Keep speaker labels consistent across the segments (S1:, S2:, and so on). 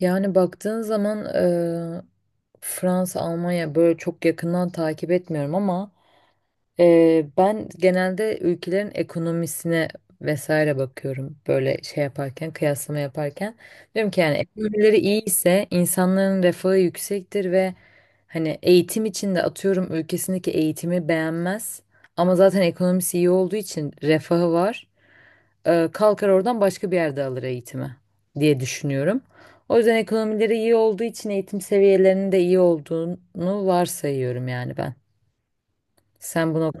S1: Yani baktığın zaman Fransa, Almanya böyle çok yakından takip etmiyorum ama ben genelde ülkelerin ekonomisine vesaire bakıyorum böyle şey yaparken, kıyaslama yaparken. Diyorum ki yani ekonomileri iyi ise insanların refahı yüksektir ve hani eğitim için de atıyorum ülkesindeki eğitimi beğenmez ama zaten ekonomisi iyi olduğu için refahı var, kalkar oradan başka bir yerde alır eğitimi diye düşünüyorum. O yüzden ekonomileri iyi olduğu için eğitim seviyelerinin de iyi olduğunu varsayıyorum yani ben. Sen bunu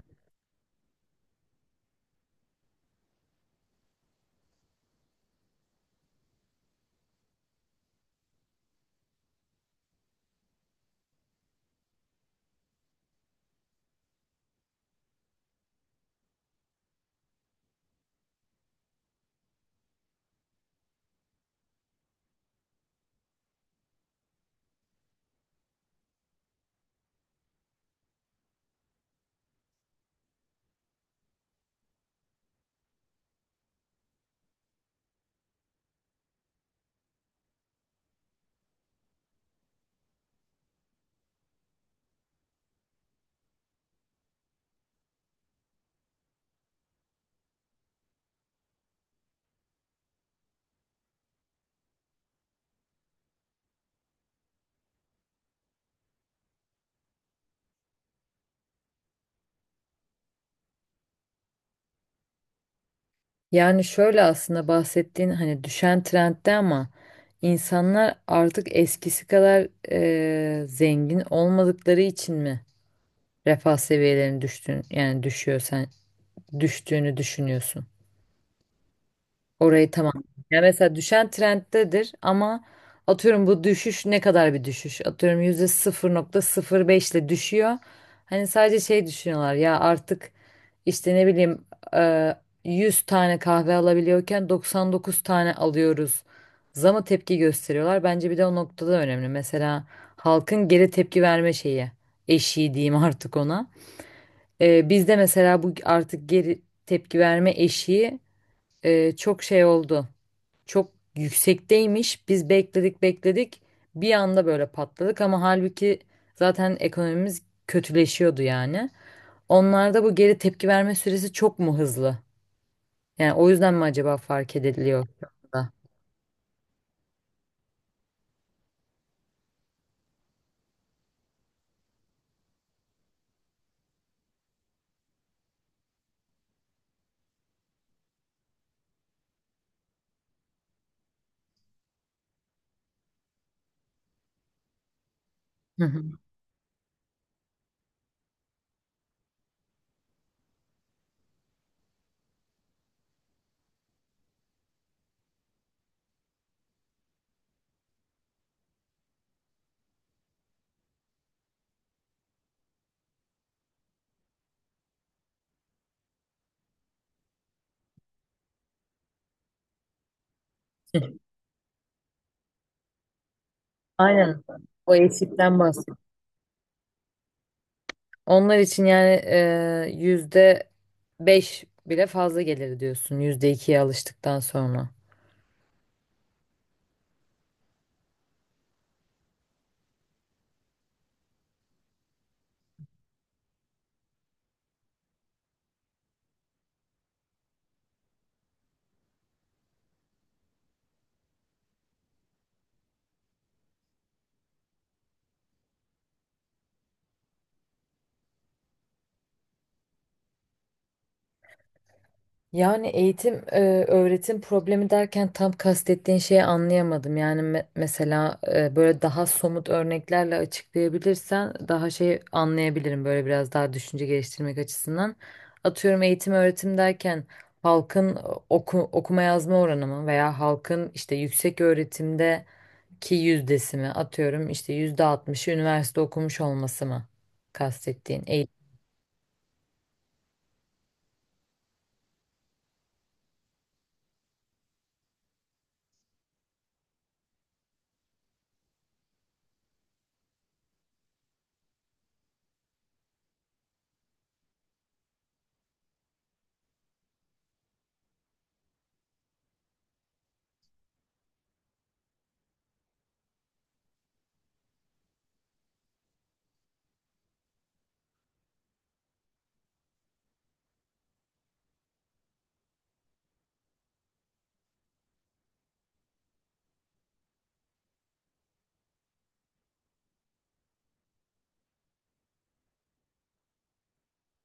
S1: yani şöyle aslında bahsettiğin hani düşen trendde ama insanlar artık eskisi kadar zengin olmadıkları için mi refah seviyelerinin düştüğünü, yani düşüyor, sen düştüğünü düşünüyorsun? Orayı tamam. Yani mesela düşen trenddedir ama atıyorum bu düşüş ne kadar bir düşüş? Atıyorum yüzde 0,05 ile düşüyor. Hani sadece şey düşünüyorlar ya artık işte ne bileyim, e, 100 tane kahve alabiliyorken 99 tane alıyoruz. Zama tepki gösteriyorlar. Bence bir de o noktada önemli. Mesela halkın geri tepki verme şeyi, eşiği diyeyim artık ona. Bizde mesela bu artık geri tepki verme eşiği çok şey oldu, çok yüksekteymiş. Biz bekledik bekledik. Bir anda böyle patladık ama halbuki zaten ekonomimiz kötüleşiyordu yani. Onlarda bu geri tepki verme süresi çok mu hızlı? Yani o yüzden mi acaba fark ediliyor şu anda? Hı hı. Aynen. O eksikten bahsediyorum. Onlar için yani, %5 bile fazla gelir diyorsun. %2'ye alıştıktan sonra. Yani eğitim, öğretim problemi derken tam kastettiğin şeyi anlayamadım. Yani mesela böyle daha somut örneklerle açıklayabilirsen daha şey anlayabilirim, böyle biraz daha düşünce geliştirmek açısından. Atıyorum eğitim öğretim derken halkın okuma yazma oranı mı, veya halkın işte yüksek öğretimdeki yüzdesi mi, atıyorum işte %60'ı üniversite okumuş olması mı kastettiğin eğitim.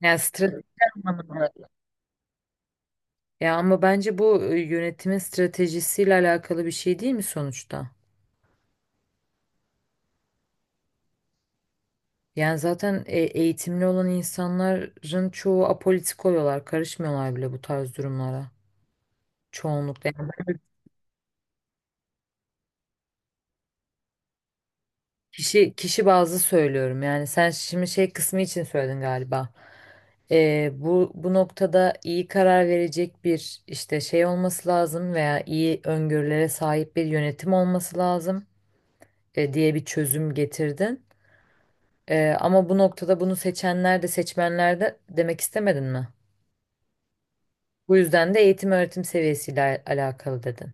S1: Yani strateji anlamında. Ya ama bence bu, yönetimin stratejisiyle alakalı bir şey değil mi sonuçta? Yani zaten eğitimli olan insanların çoğu apolitik oluyorlar, karışmıyorlar bile bu tarz durumlara. Çoğunlukla. Yani kişi kişi bazlı söylüyorum. Yani sen şimdi şey kısmı için söyledin galiba. Bu noktada iyi karar verecek bir işte şey olması lazım, veya iyi öngörülere sahip bir yönetim olması lazım diye bir çözüm getirdin. Ama bu noktada bunu seçenler de seçmenler de demek istemedin mi? Bu yüzden de eğitim öğretim seviyesiyle alakalı dedin.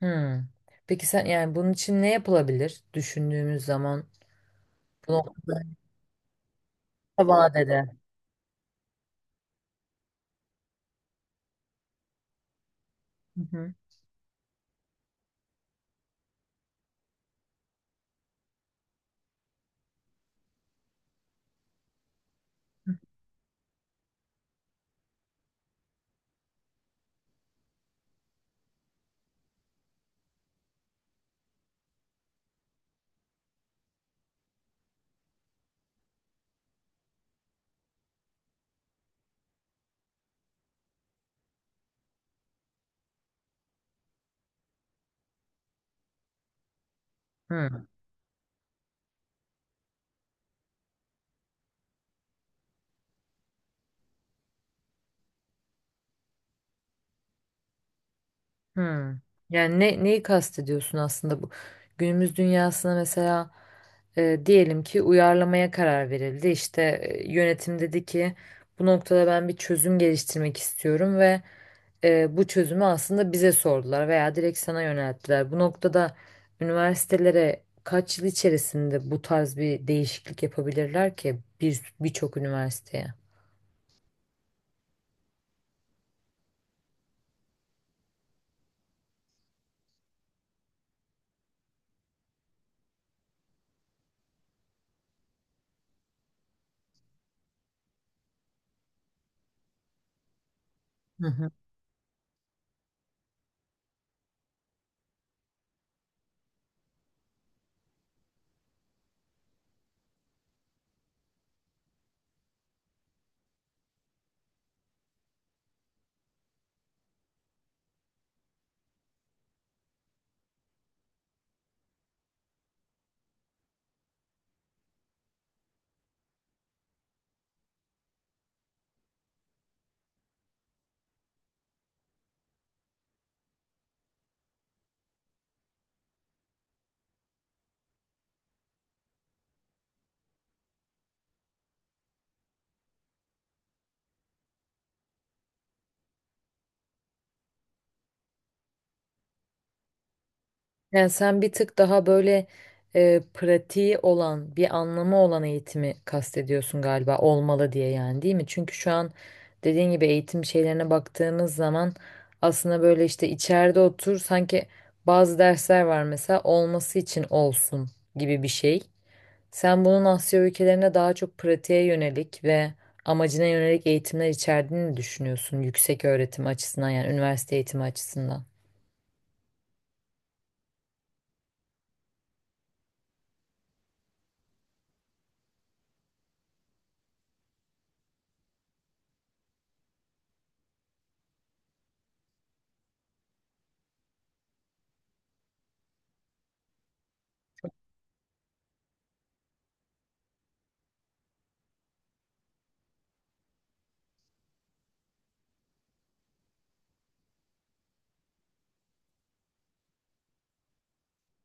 S1: Hmm. Peki sen yani bunun için ne yapılabilir düşündüğümüz zaman bu noktada kısa vadede? Hı hı. Hmm, hmm. Yani ne, neyi kastediyorsun aslında bu günümüz dünyasına? Mesela diyelim ki uyarlamaya karar verildi, işte yönetim dedi ki bu noktada ben bir çözüm geliştirmek istiyorum ve bu çözümü aslında bize sordular veya direkt sana yönelttiler. Bu noktada üniversitelere kaç yıl içerisinde bu tarz bir değişiklik yapabilirler ki, birçok üniversiteye? Hı hı. Yani sen bir tık daha böyle pratiği olan, bir anlamı olan eğitimi kastediyorsun galiba, olmalı diye, yani değil mi? Çünkü şu an dediğin gibi eğitim şeylerine baktığımız zaman aslında böyle işte içeride otur sanki, bazı dersler var mesela olması için olsun gibi bir şey. Sen bunun Asya ülkelerine daha çok pratiğe yönelik ve amacına yönelik eğitimler içerdiğini düşünüyorsun yüksek öğretim açısından, yani üniversite eğitimi açısından.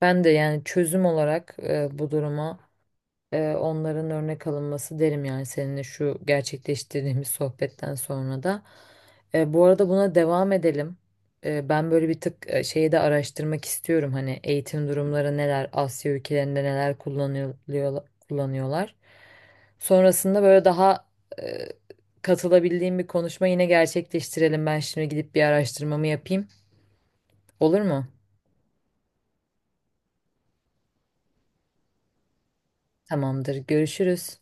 S1: Ben de yani çözüm olarak bu duruma, onların örnek alınması derim yani, seninle şu gerçekleştirdiğimiz sohbetten sonra da. Bu arada buna devam edelim. Ben böyle bir tık şeyi de araştırmak istiyorum. Hani eğitim durumları neler, Asya ülkelerinde neler kullanıyor, kullanıyorlar. Sonrasında böyle daha eee, katılabildiğim bir konuşma yine gerçekleştirelim. Ben şimdi gidip bir araştırmamı yapayım. Olur mu? Tamamdır. Görüşürüz.